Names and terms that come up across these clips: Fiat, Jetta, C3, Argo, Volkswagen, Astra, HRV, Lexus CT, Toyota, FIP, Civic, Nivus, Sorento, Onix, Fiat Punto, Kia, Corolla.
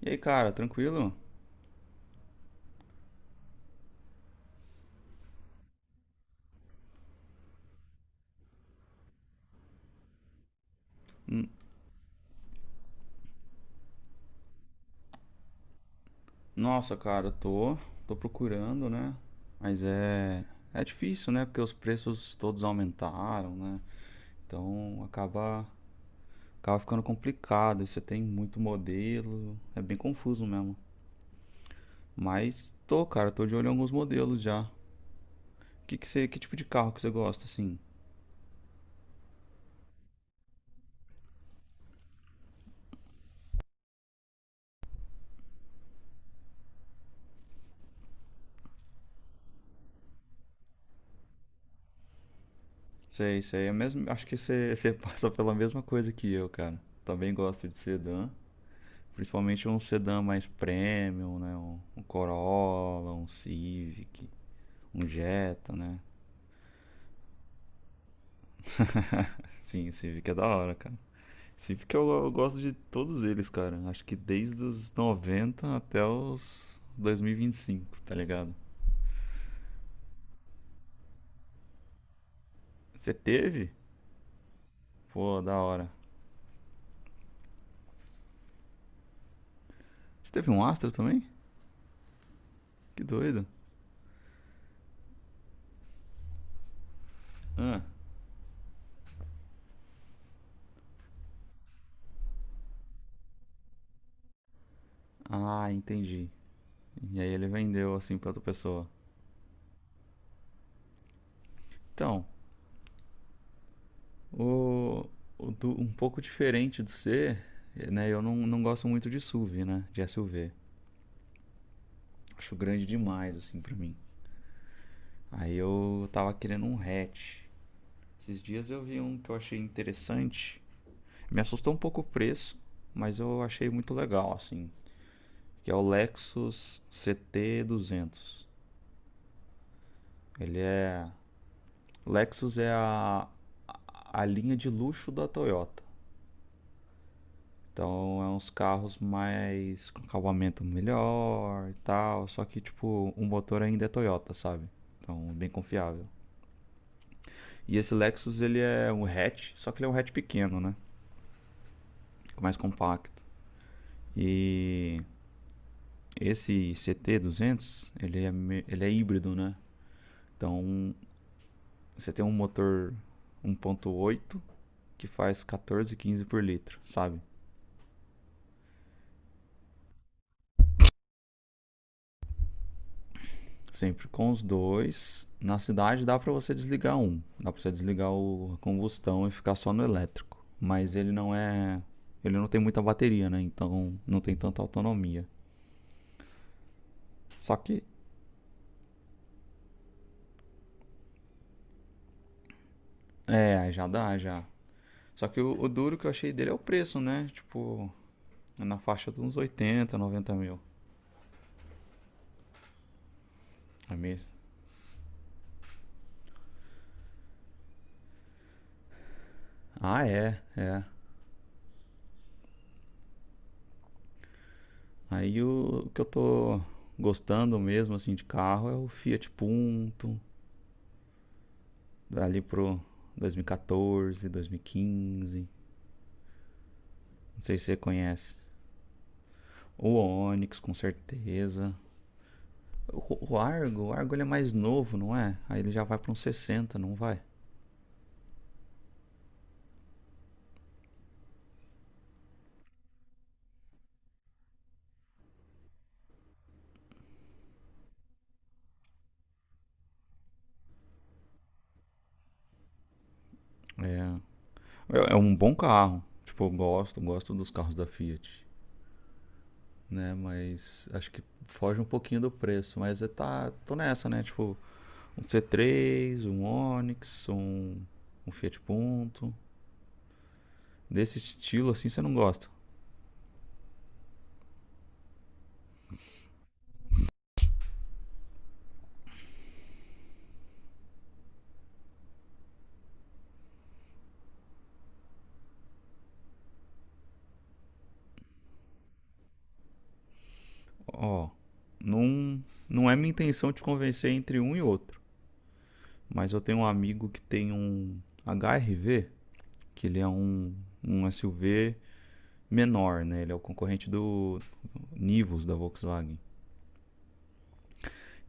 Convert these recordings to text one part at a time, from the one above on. E aí, cara, tranquilo? Nossa, cara, tô procurando, né? Mas é difícil, né? Porque os preços todos aumentaram, né? Então acaba ficando complicado. Você tem muito modelo, é bem confuso mesmo. Mas tô, cara, tô de olho em alguns modelos já. Que você, que tipo de carro que você gosta, assim? Sei, sei, é mesmo, acho que você passa pela mesma coisa que eu, cara. Também gosto de sedã. Principalmente um sedã mais premium, né? Um Corolla, um Civic, um Jetta, né? Sim, o Civic é da hora, cara. Civic eu gosto de todos eles, cara. Acho que desde os 90 até os 2025, tá ligado? Você teve? Pô, da hora. Você teve um Astra também? Que doido. Ah, ah, entendi. E aí ele vendeu assim pra outra pessoa. Então, O, um pouco diferente do C, né? Eu não gosto muito de SUV, né? De SUV. Acho grande demais, assim, pra mim. Aí eu tava querendo um hatch. Esses dias eu vi um que eu achei interessante. Me assustou um pouco o preço, mas eu achei muito legal, assim. Que é o Lexus ct duzentos. Ele é... Lexus é a linha de luxo da Toyota. Então é uns carros mais com acabamento melhor e tal, só que tipo, o motor ainda é Toyota, sabe? Então bem confiável. E esse Lexus ele é um hatch, só que ele é um hatch pequeno, né? Mais compacto. E esse ct duzentos ele é híbrido, né? Então você tem um motor um ponto oito que faz 14, 15 por litro, sabe? Sempre com os dois. Na cidade dá para você desligar um. Dá para você desligar o combustão e ficar só no elétrico. Mas ele não é. Ele não tem muita bateria, né? Então não tem tanta autonomia. Só que. É, já dá, já. Só que o duro que eu achei dele é o preço, né? Tipo, é na faixa de uns 80, 90 mil. É mesmo? Ah, é, é. Aí o que eu tô gostando mesmo, assim, de carro é o Fiat Punto, ali pro 2014, 2015. Não sei se você conhece. O Onix, com certeza. O Argo ele é mais novo, não é? Aí ele já vai pra uns 60, não vai? É. É um bom carro. Tipo, eu gosto, gosto dos carros da Fiat, né? Mas acho que foge um pouquinho do preço. Mas eu tá, tô nessa, né? Tipo, um C3, um Onix, um Fiat Punto. Desse estilo assim você não gosta. Ó, não, não é minha intenção te convencer entre um e outro, mas eu tenho um amigo que tem um HRV, que ele é um SUV menor, né? Ele é o concorrente do Nivus da Volkswagen.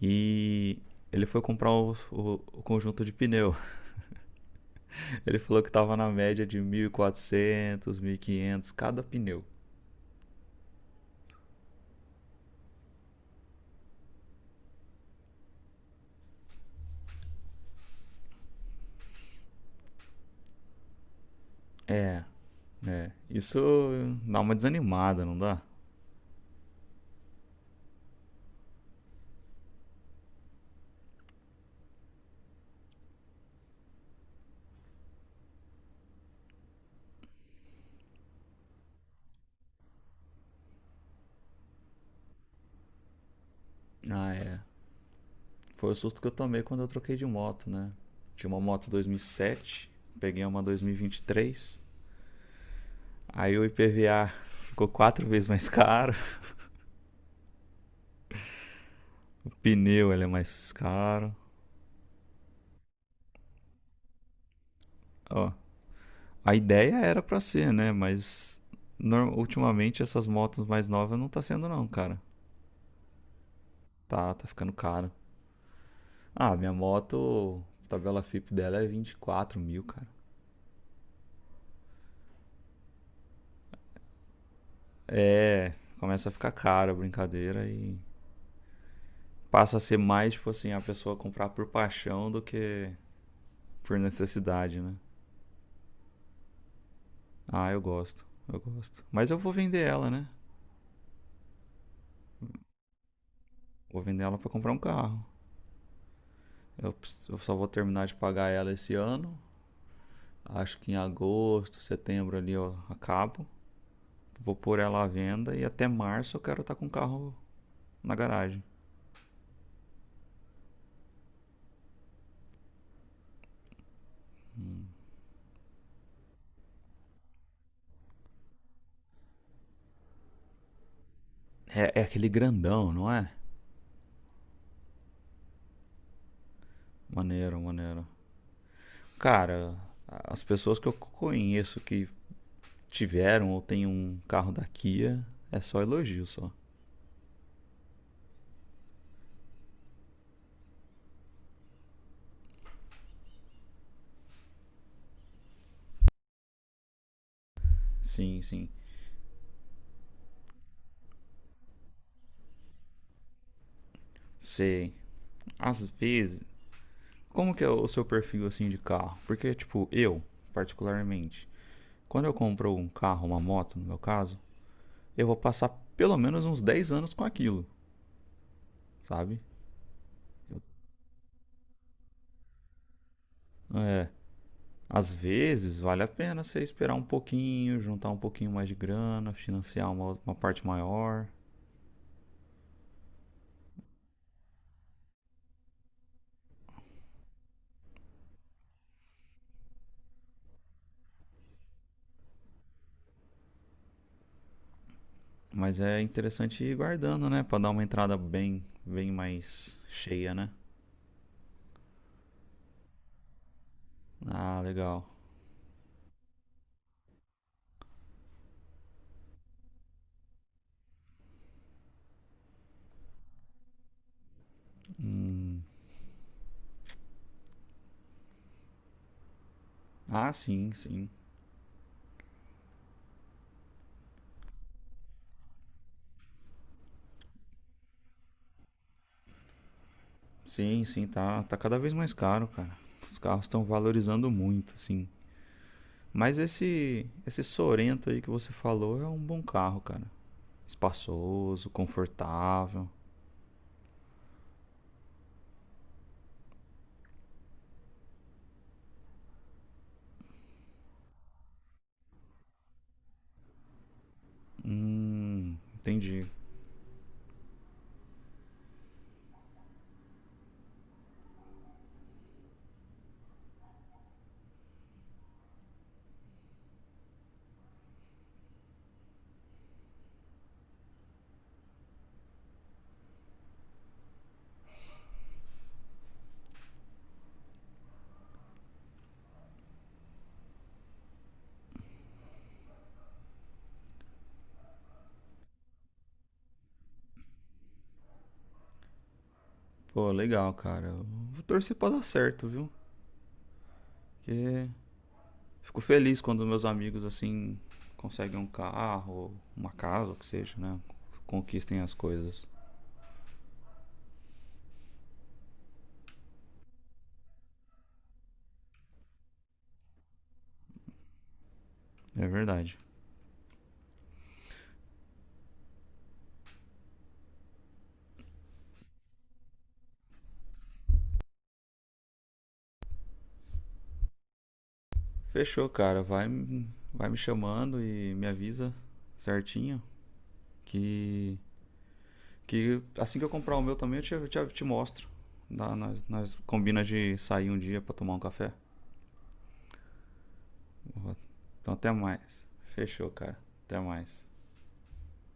E ele foi comprar o conjunto de pneu. Ele falou que estava na média de 1.400, quinhentos cada pneu. Isso dá uma desanimada, não dá? Ah, é. Foi o susto que eu tomei quando eu troquei de moto, né? Tinha uma moto 2007, peguei uma 2023. Aí o IPVA ficou quatro vezes mais caro. O pneu ele é mais caro. Ó, a ideia era pra ser, né? Mas ultimamente essas motos mais novas não tá sendo não, cara. Tá ficando caro. Ah, minha moto, a tabela FIP dela é 24 mil, cara. É, começa a ficar cara a brincadeira e passa a ser mais, tipo assim, a pessoa comprar por paixão do que por necessidade, né? Ah, eu gosto, eu gosto. Mas eu vou vender ela, né? Vou vender ela pra comprar um carro. Eu, eu só vou terminar de pagar ela esse ano. Acho que em agosto, setembro ali eu acabo. Vou pôr ela à venda e até março eu quero estar com o carro na garagem. É, é aquele grandão, não é? Maneiro, maneiro. Cara, as pessoas que eu conheço que tiveram ou têm um carro da Kia, é só elogio só. Sim, sim. Sei. Às vezes, como que é o seu perfil assim de carro? Porque tipo, eu, particularmente, quando eu compro um carro, uma moto, no meu caso, eu vou passar pelo menos uns 10 anos com aquilo, sabe? Eu- Às vezes vale a pena você esperar um pouquinho, juntar um pouquinho mais de grana, financiar uma parte maior. Mas é interessante ir guardando, né? Pra dar uma entrada bem, bem mais cheia, né? Ah, legal. Ah, sim, sim. Sim, sim, tá, tá cada vez mais caro, cara. Os carros estão valorizando muito, sim. Mas esse Sorento aí que você falou é um bom carro, cara. Espaçoso, confortável. Entendi. Pô, legal, cara. Eu vou torcer pra dar certo, viu? Porque fico feliz quando meus amigos assim conseguem um carro, uma casa, o que seja, né? Conquistem as coisas. É verdade. Fechou, cara. Vai, vai me chamando e me avisa certinho que, que assim que eu comprar o meu também eu te mostro. Nós, nós combina de sair um dia pra tomar um café. Então até mais. Fechou, cara. Até mais.